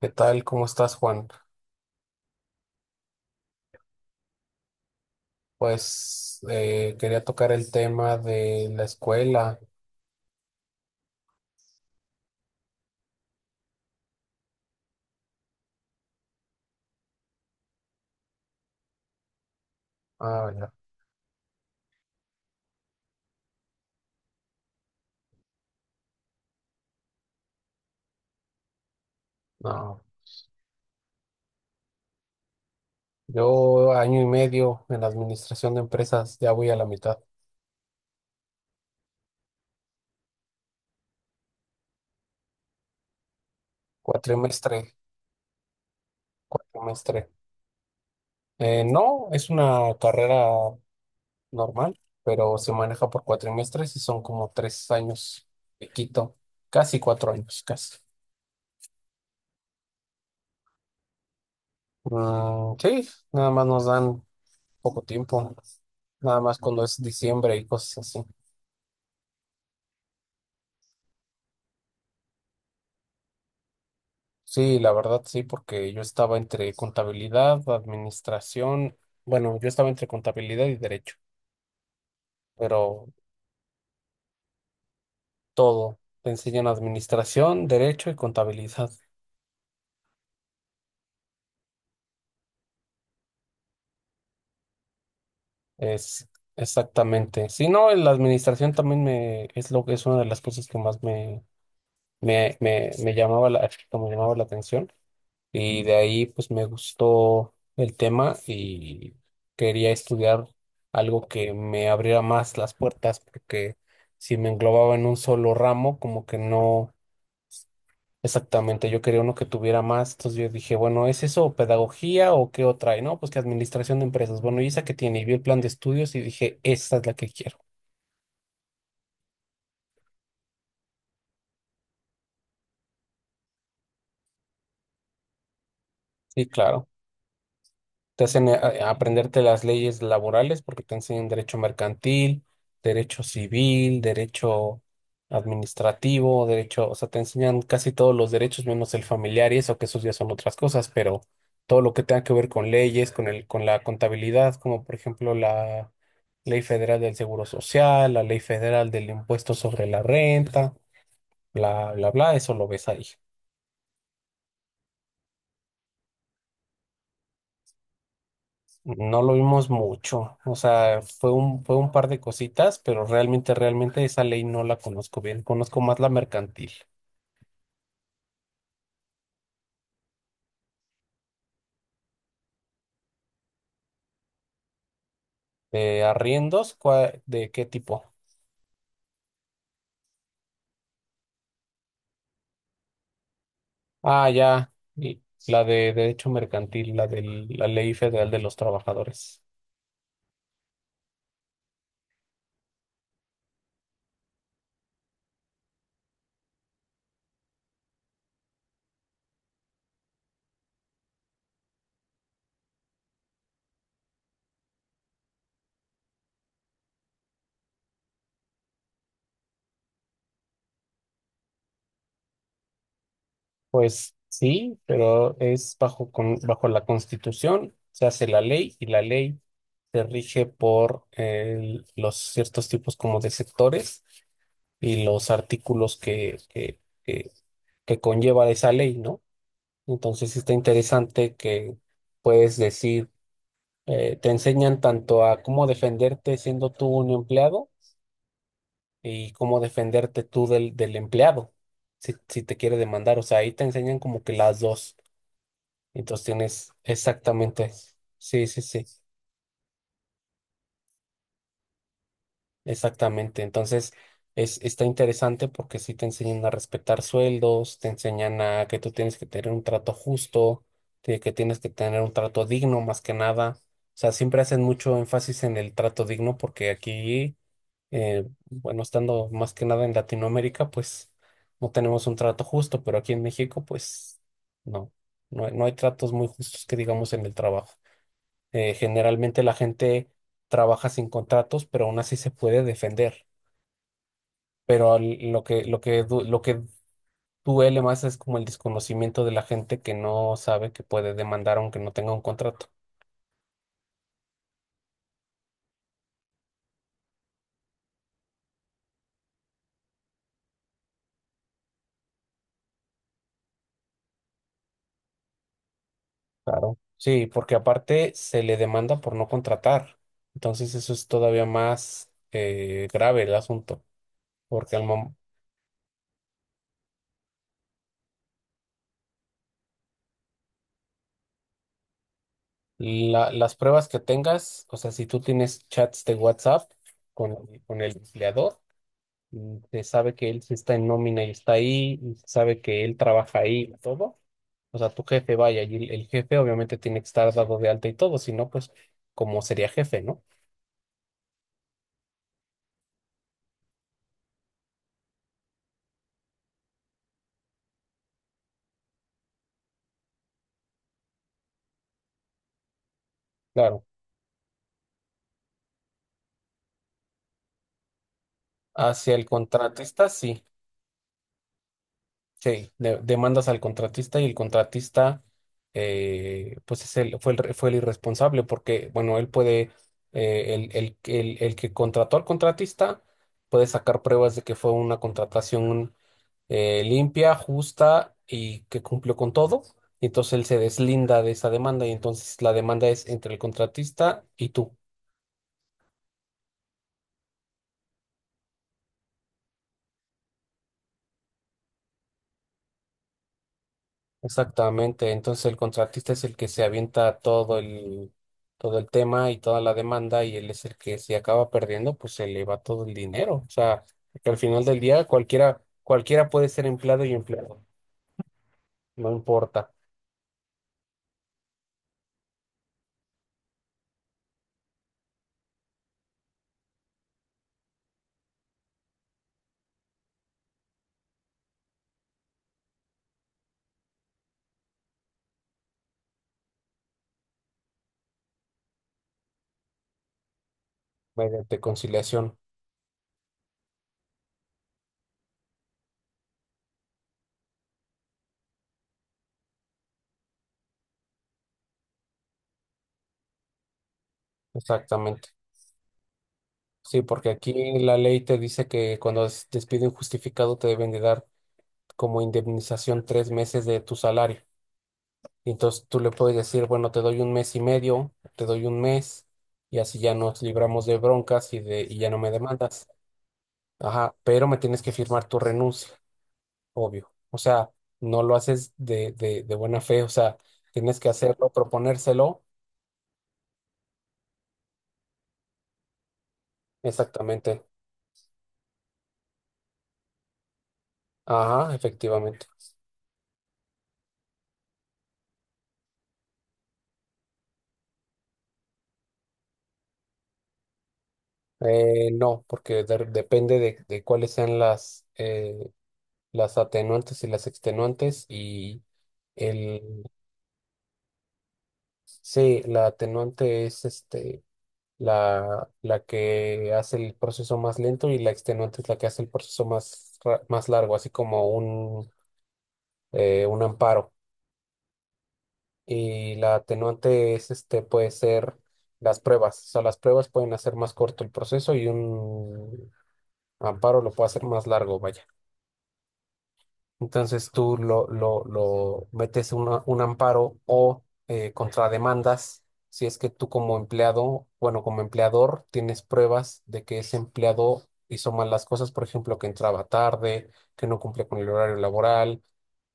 ¿Qué tal? ¿Cómo estás, Juan? Pues quería tocar el tema de la escuela. Ah, ya. No. Yo año y medio en la administración de empresas, ya voy a la mitad. Cuatrimestre, cuatrimestre. No, es una carrera normal, pero se maneja por cuatrimestres y son como 3 años de quito, casi 4 años, casi. Mm, sí, nada más nos dan poco tiempo, nada más cuando es diciembre y cosas así. Sí, la verdad sí, porque yo estaba entre contabilidad, administración, bueno, yo estaba entre contabilidad y derecho, pero todo, te enseñan administración, derecho y contabilidad. Es exactamente. Si no, en la administración también es lo que es una de las cosas que más que me llamaba la atención. Y de ahí pues me gustó el tema y quería estudiar algo que me abriera más las puertas porque si me englobaba en un solo ramo como que no, exactamente yo quería uno que tuviera más. Entonces yo dije, bueno, ¿es eso o pedagogía o qué otra? Y no, pues que administración de empresas. Bueno, ¿y esa que tiene? Y vi el plan de estudios y dije, esa es la que quiero. Sí, claro. Te hacen aprenderte las leyes laborales porque te enseñan derecho mercantil, derecho civil, derecho administrativo, derecho, o sea, te enseñan casi todos los derechos menos el familiar y eso, que esos ya son otras cosas, pero todo lo que tenga que ver con leyes, con el, con la contabilidad, como por ejemplo la Ley Federal del Seguro Social, la Ley Federal del Impuesto sobre la Renta, bla, bla, bla, eso lo ves ahí. No lo vimos mucho, o sea, fue un par de cositas, pero realmente, realmente esa ley no la conozco bien. Conozco más la mercantil. ¿De arriendos? ¿De qué tipo? Ah, ya, y la de derecho mercantil, la de la ley federal de los trabajadores. Pues sí, pero es bajo la Constitución, se hace la ley y la ley se rige por los ciertos tipos como de sectores y los artículos que conlleva esa ley, ¿no? Entonces sí está interesante que puedes decir, te enseñan tanto a cómo defenderte siendo tú un empleado y cómo defenderte tú del, del empleado, si, si te quiere demandar. O sea, ahí te enseñan como que las dos. Entonces tienes, exactamente. Sí, sí, sí. Exactamente, entonces es, está interesante porque sí te enseñan a respetar sueldos, te enseñan a que tú tienes que tener un trato justo, de que tienes que tener un trato digno más que nada. O sea, siempre hacen mucho énfasis en el trato digno porque aquí, bueno, estando más que nada en Latinoamérica, pues no tenemos un trato justo, pero aquí en México, pues no, no, no hay tratos muy justos que digamos en el trabajo. Generalmente la gente trabaja sin contratos, pero aún así se puede defender, pero lo que duele más es como el desconocimiento de la gente que no sabe que puede demandar aunque no tenga un contrato. Claro. Sí, porque aparte se le demanda por no contratar. Entonces eso es todavía más grave el asunto, porque las pruebas que tengas, o sea, si tú tienes chats de WhatsApp con, con el empleador, y se sabe que él sí está en nómina y está ahí, y se sabe que él trabaja ahí y todo. O sea, tu jefe, vaya, y el jefe obviamente tiene que estar dado de alta y todo, si no, pues, ¿cómo sería jefe, no? Claro. Hacia el contratista, sí. Sí, demandas al contratista y el contratista, pues, es el, fue, el, re- fue el irresponsable porque, bueno, él puede, el que contrató al contratista puede sacar pruebas de que fue una contratación limpia, justa y que cumplió con todo. Y entonces él se deslinda de esa demanda y entonces la demanda es entre el contratista y tú. Exactamente. Entonces el contratista es el que se avienta todo el tema y toda la demanda y él es el que, si acaba perdiendo, pues se le va todo el dinero. O sea, que al final del día cualquiera, cualquiera puede ser empleado y empleado. No importa, mediante conciliación. Exactamente. Sí, porque aquí la ley te dice que cuando es despido injustificado te deben de dar como indemnización 3 meses de tu salario. Y entonces tú le puedes decir, bueno, te doy un mes y medio, te doy un mes, y así ya nos libramos de broncas y de, y ya no me demandas. Ajá, pero me tienes que firmar tu renuncia, obvio. O sea, no lo haces de buena fe, o sea, tienes que hacerlo, proponérselo. Exactamente. Ajá, efectivamente. No, porque depende de cuáles sean las atenuantes y las extenuantes y el, sí, la atenuante es la que hace el proceso más lento y la extenuante es la que hace el proceso más largo, así como un amparo. Y la atenuante es puede ser las pruebas, o sea, las pruebas pueden hacer más corto el proceso y un amparo lo puede hacer más largo, vaya. Entonces tú lo metes un amparo o contrademandas si es que tú como empleado, bueno, como empleador tienes pruebas de que ese empleado hizo mal las cosas, por ejemplo, que entraba tarde, que no cumplía con el horario laboral,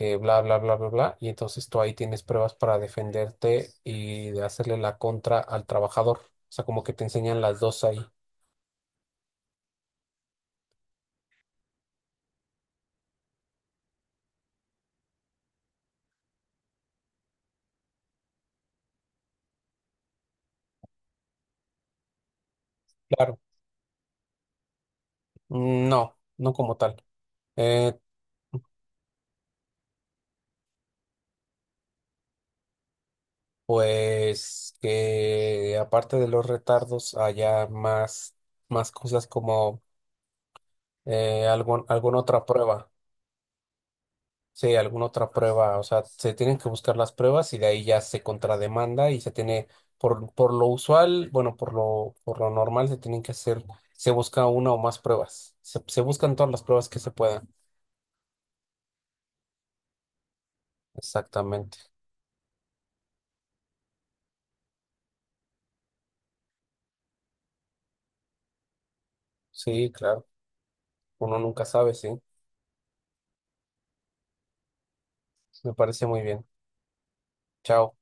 bla, bla, bla, bla, bla. Y entonces tú ahí tienes pruebas para defenderte y de hacerle la contra al trabajador. O sea, como que te enseñan las dos ahí. Claro. No, no como tal. Eh, Pues que aparte de los retardos haya más, más cosas como alguna otra prueba. Sí, alguna otra prueba. O sea, se tienen que buscar las pruebas y de ahí ya se contrademanda y se tiene, por lo usual, bueno, por lo normal se tienen que hacer, se busca una o más pruebas. Se buscan todas las pruebas que se puedan. Exactamente. Sí, claro. Uno nunca sabe, sí. Me parece muy bien. Chao.